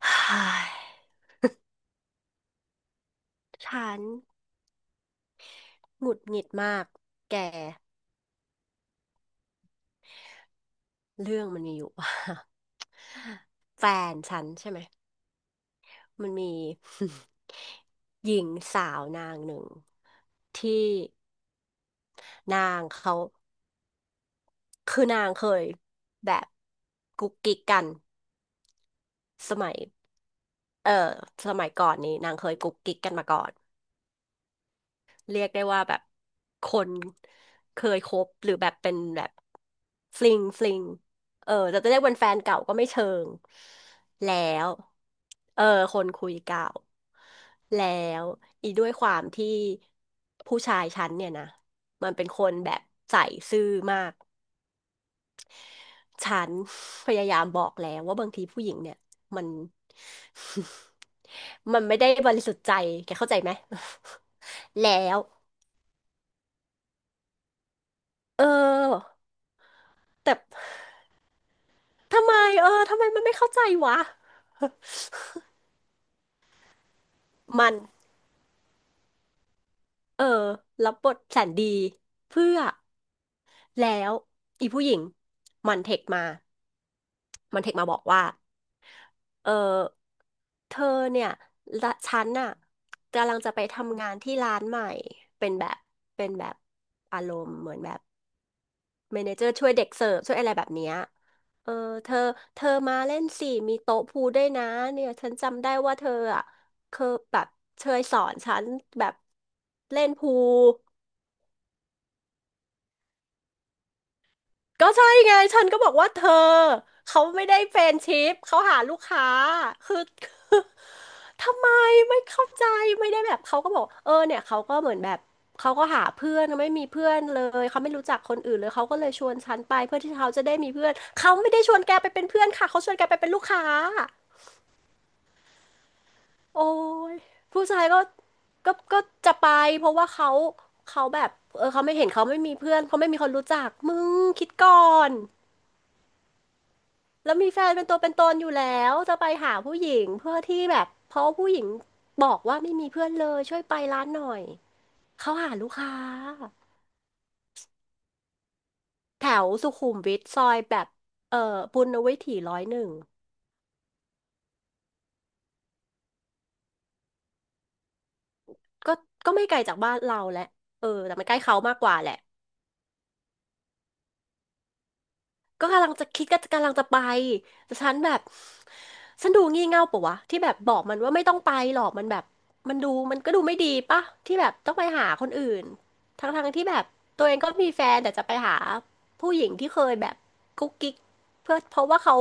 ฮ่ายฉันหงุดหงิดมากแกเรื่องมันมีอยู่ ว่า แฟนฉันใช่ไหมมันมี หญิงสาวนางหนึ่งที่นางเขาคือนางเคยแบบกุ๊กกิ๊กกันสมัยเออสมัยก่อนนี้นางเคยกุ๊กกิ๊กกันมาก่อน เรียกได้ว่าแบบคนเคยคบหรือแบบเป็นแบบฟลิงฟลิงเออแต่จะเรียกเป็นแฟนเก่าก็ไม่เชิงแล้วเออคนคุยเก่าแล้วอีด้วยความที่ผู้ชายฉันเนี่ยนะมันเป็นคนแบบใส่ซื่อมากฉัน พยายามบอกแล้วว่าบางทีผู้หญิงเนี่ยมัน มันไม่ได้บริสุทธิ์ใจแกเข้าใจไหม แล้วเออ แต่ทำไมทำไมมันไม่เข้าใจวะ มันเออรับบทแสนดีเพื่อแล้วอีผู้หญิงมันเทคมา มันเทคมาบอกว่าเออเธอเนี่ยละฉันน่ะกำลังจะไปทำงานที่ร้านใหม่เป็นแบบเป็นแบบอารมณ์เหมือนแบบ เมเนเจอร์ช่วยเด็กเสิร์ฟช่วยอะไรแบบเนี้ยเออเธอเธอมาเล่นสิมีโต๊ะพูลด้วยนะเนี่ยฉันจำได้ว่าเธออ่ะเคยแบบเคยสอนฉันแบบเล่นพูล ก็ใช่ไงฉันก็บอกว่าเธอเขาไม่ได้แฟรนด์ชิพเขาหาลูกค้าคือ คือทำไมไม่เข้าใจไม่ได้แบบเขาก็บอกเออเนี่ยเขาก็เหมือนแบบเขาก็หาเพื่อนไม่มีเพื่อนเลยเขาไม่รู้จักคนอื่นเลยเขาก็เลยชวนฉันไปเพื่อที่เขาจะได้มีเพื่อนเขาไม่ได้ชวนแกไปเป็นเพื่อนค่ะเขาชวนแกไปเป็นลูกค้าโอ้ยผู้ชายก็จะไปเพราะว่าเขาแบบเออเขาไม่เห็นเขาไม่มีเพื่อนเขาไม่มีคนรู้จักมึงคิดก่อน แล้วมีแฟนเป็นตัวเป็นตนอยู่แล้วจะไปหาผู้หญิงเพื่อที่แบบเพราะผู้หญิงบอกว่าไม่มีเพื่อนเลยช่วยไปร้านหน่อยเขาหาลูกค้าแถวสุขุมวิทซอยแบบเอ่อปุณณวิถี101ก็ก็ไม่ไกลจากบ้านเราแหละเออแต่มันใกล้เขามากกว่าแหละ ก็กำลังจะคิดก็กำลังจะไปแต่ฉันแบบฉันดูงี่เง่าปะวะที่แบบบอกมันว่าไม่ต้องไปหรอกมันแบบมันดูมันก็ดูไม่ดีปะที่แบบต้องไปหาคนอื่นทั้งที่แบบตัวเองก็มีแฟนแต่จะไปหาผู้หญิงที่เคยแบบกุ๊กกิ๊กเพื่อเพราะว่าเขา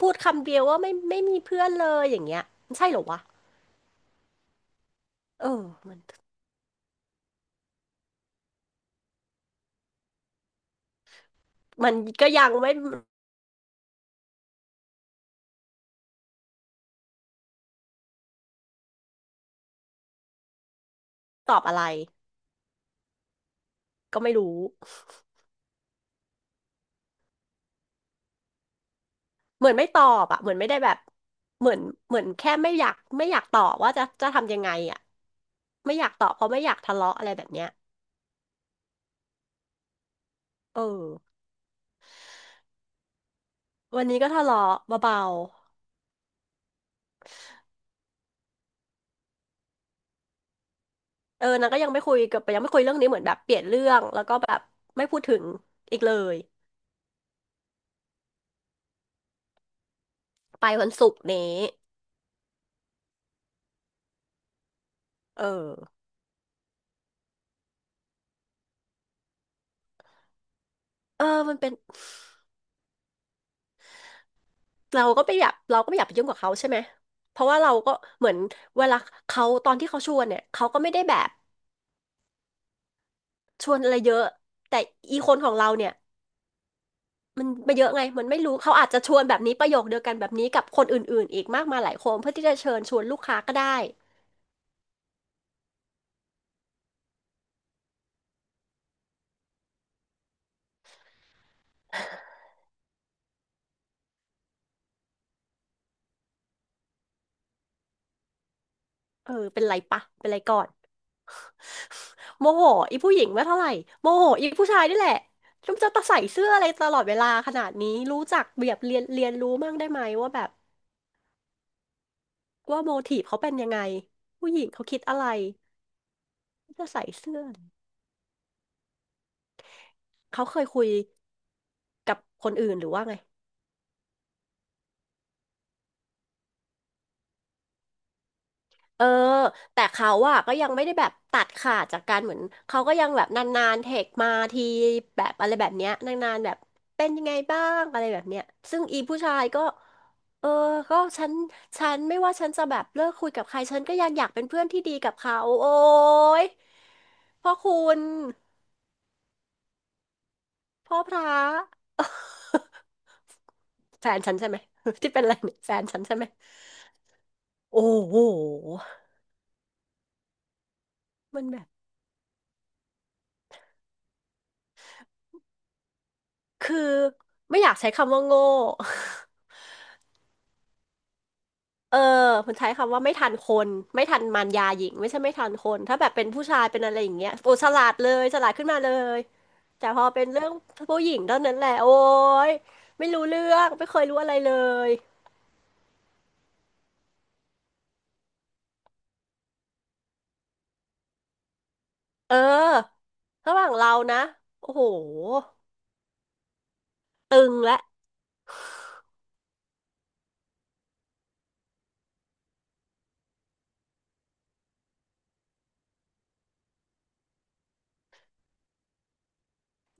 พูดคำเดียวว่าไม่มีเพื่อนเลยอย่างเงี้ยมันใช่เหรอวะเออมันมันก็ยังไม่ตอบอะไรก็ไม่รู้ เหมือนไม่ตอบอะเหมือนไม่ได้แบบเหมือนเหมือนแค่ไม่อยากตอบว่าจะทำยังไงอะไม่อยากตอบเพราะไม่อยากทะเลาะอะไรแบบเนี้ยเออวันนี้ก็ทะเลาะเบาๆเออนางก็ยังไม่คุยเรื่องนี้เหมือนแบบเปลี่ยนเรื่องแล้วก็แบบไม่พูดถึงอีกเลยไปวันศุกร์นี้เออเออมันเป็นเราก็ไม่อยากไปยุ่งกับเขาใช่ไหมเพราะว่าเราก็เหมือนเวลาเขาตอนที่เขาชวนเนี่ยเขาก็ไม่ได้แบบชวนอะไรเยอะแต่อีคนของเราเนี่ย มันไปเยอะไงมันไม่รู้เขาอาจจะชวนแบบนี้ประโยคเดียวกันแบบนี้กับคนอื่นๆอีกมากมายหลายคนเพื่อที่จะเชิญชวนลูกค้าก็ได้เออเป็นไรปะเป็นไรก่อนโมโหอีผู้หญิงไม่เท่าไหร่โมโหอีผู้ชายนี่แหละจงจะตะใส่เสื้ออะไรตลอดเวลาขนาดนี้รู้จักแบบเรียนเรียนรู้มั่งได้ไหมว่าแบบว่าโมทีฟเขาเป็นยังไงผู้หญิงเขาคิดอะไรจะใส่เสื้อเขาเคยคุยกับคนอื่นหรือว่าไง เออแต่เขาอะก็ยังไม่ได้แบบตัดขาดจากการเหมือนเขาก็ยังแบบนานๆเทคมาทีแบบอะไรแบบเนี้ยนานๆแบบเป็นยังไงบ้างอะไรแบบเนี้ยซึ่งอีผู้ชายก็เออก็ฉันฉันไม่ว่าฉันจะแบบเลิกคุยกับใครฉันก็ยังอยากเป็นเพื่อนที่ดีกับเขาโอ้ยพ่อคุณพ่อพระ แฟนฉันใช่ไหม ที่เป็นอะไรเนี่ยแฟนฉันใช่ไหมโอ้โหมันแบบ คือไม่อยากใช้คำว่าโง่ เออมันใช้คำว่าไม่ทันคนไม่ทันมารยาหญิงไม่ใช่ไม่ทันคนถ้าแบบเป็นผู้ชายเป็นอะไรอย่างเงี้ยโอ้ฉลาดเลยฉลาดขึ้นมาเลยแต่พอเป็นเรื่องผู้หญิงเท่านั้นแหละโอ้ยไม่รู้เรื่องไม่เคยรู้อะไรเลยเออระหว่างเรานะโอ้โหตึงและ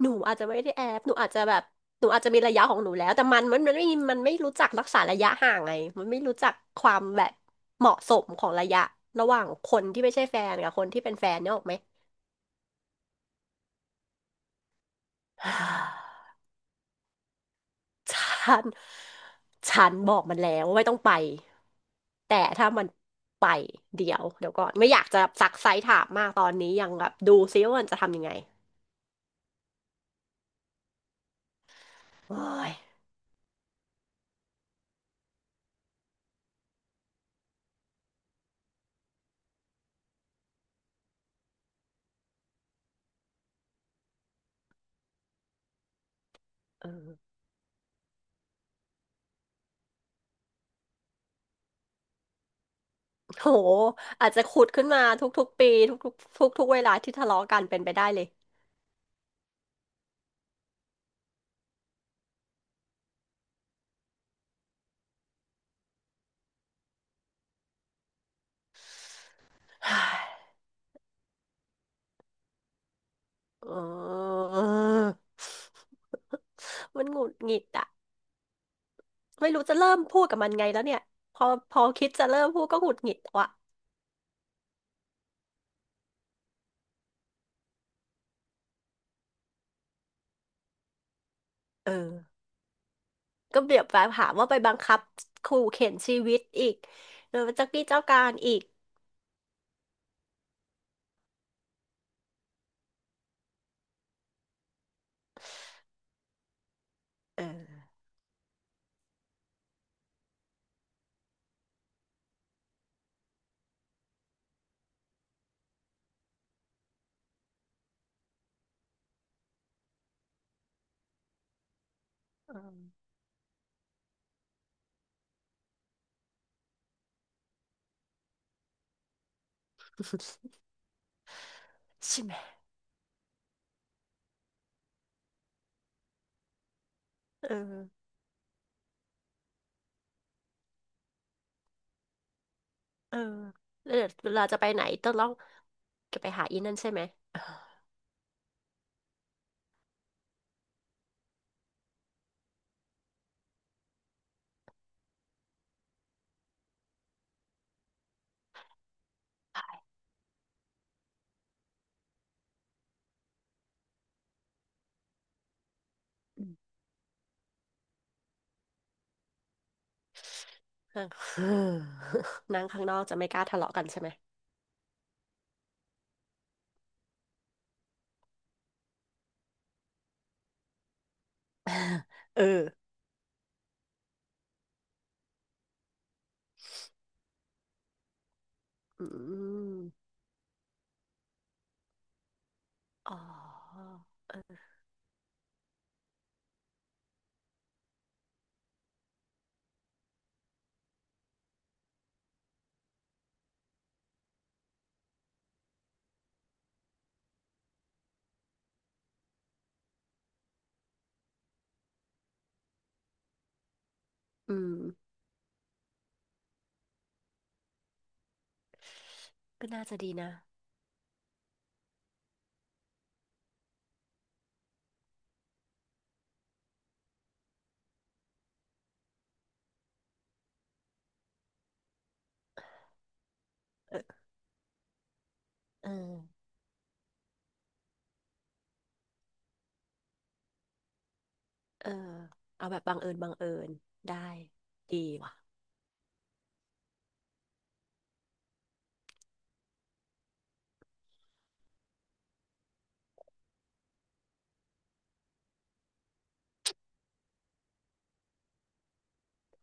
หนูอาจจะไม่ได้แอบหนูอาจจะแบบหนูอาจจะมีระยะของหนูแล้วแต่มันไม่รู้จักรักษาระยะห่างไงมันไม่รู้จักความแบบเหมาะสมของระยะระหว่างคนที่ไม่ใช่แฟนกับคนที่เป็นแฟนเนี่ยออกไหม ฉันฉันบอกมันแล้วว่าไม่ต้องไปแต่ถ้ามันไปเดี๋ยวเดี๋ยวก่อนไม่อยากจะซักไซส์ถามมากตอนนี้ยังแบบดูซิว่ามันจะทำยังไงโอ้ยเออ โหอาจจะขุดขึ้นมาทุกๆปีทุกๆทุกๆเวลาที่ทะเลาะกันเป็นไปได้เลยฮ่าเออมันหงุดหงิดอะไม่รู้จะเริ่มพูดกับมันไงแล้วเนี่ยพอพอคิดจะเริ่มพูดก็หงุดหงิดว่ะเออ ก็เบียบแบบหาว่าไปบังคับขู่เข็นชีวิตอีกเออเจ้ากี้เจ้าการอีกเออเออใช่ไหมเออเออแล้วเดี๋ยวเวลาจะไปไหนต้องจะไปหาอีนั่นใช่ไหม นั่ง นั่งข้างนอกจะไม่กล้าทะเลาะกันใช่ไหมเอออืมอ๋ออืมก็น่าจะดีนะ เออเออเออเอาแบบบังเอิญบังเอิญได้ดีว่ะ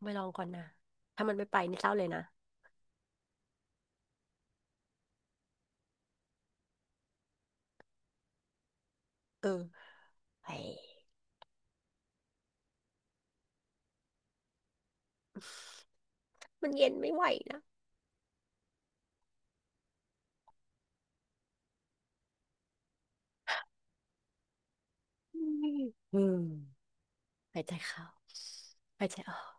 ไปลองก่อนนะ ถ้ามันไม่ไปนี่เศร้าเลยนะเออเฮ้ย มันเย็นไม่ไหวนะอืมอืมหายใจเข้าหายใจออก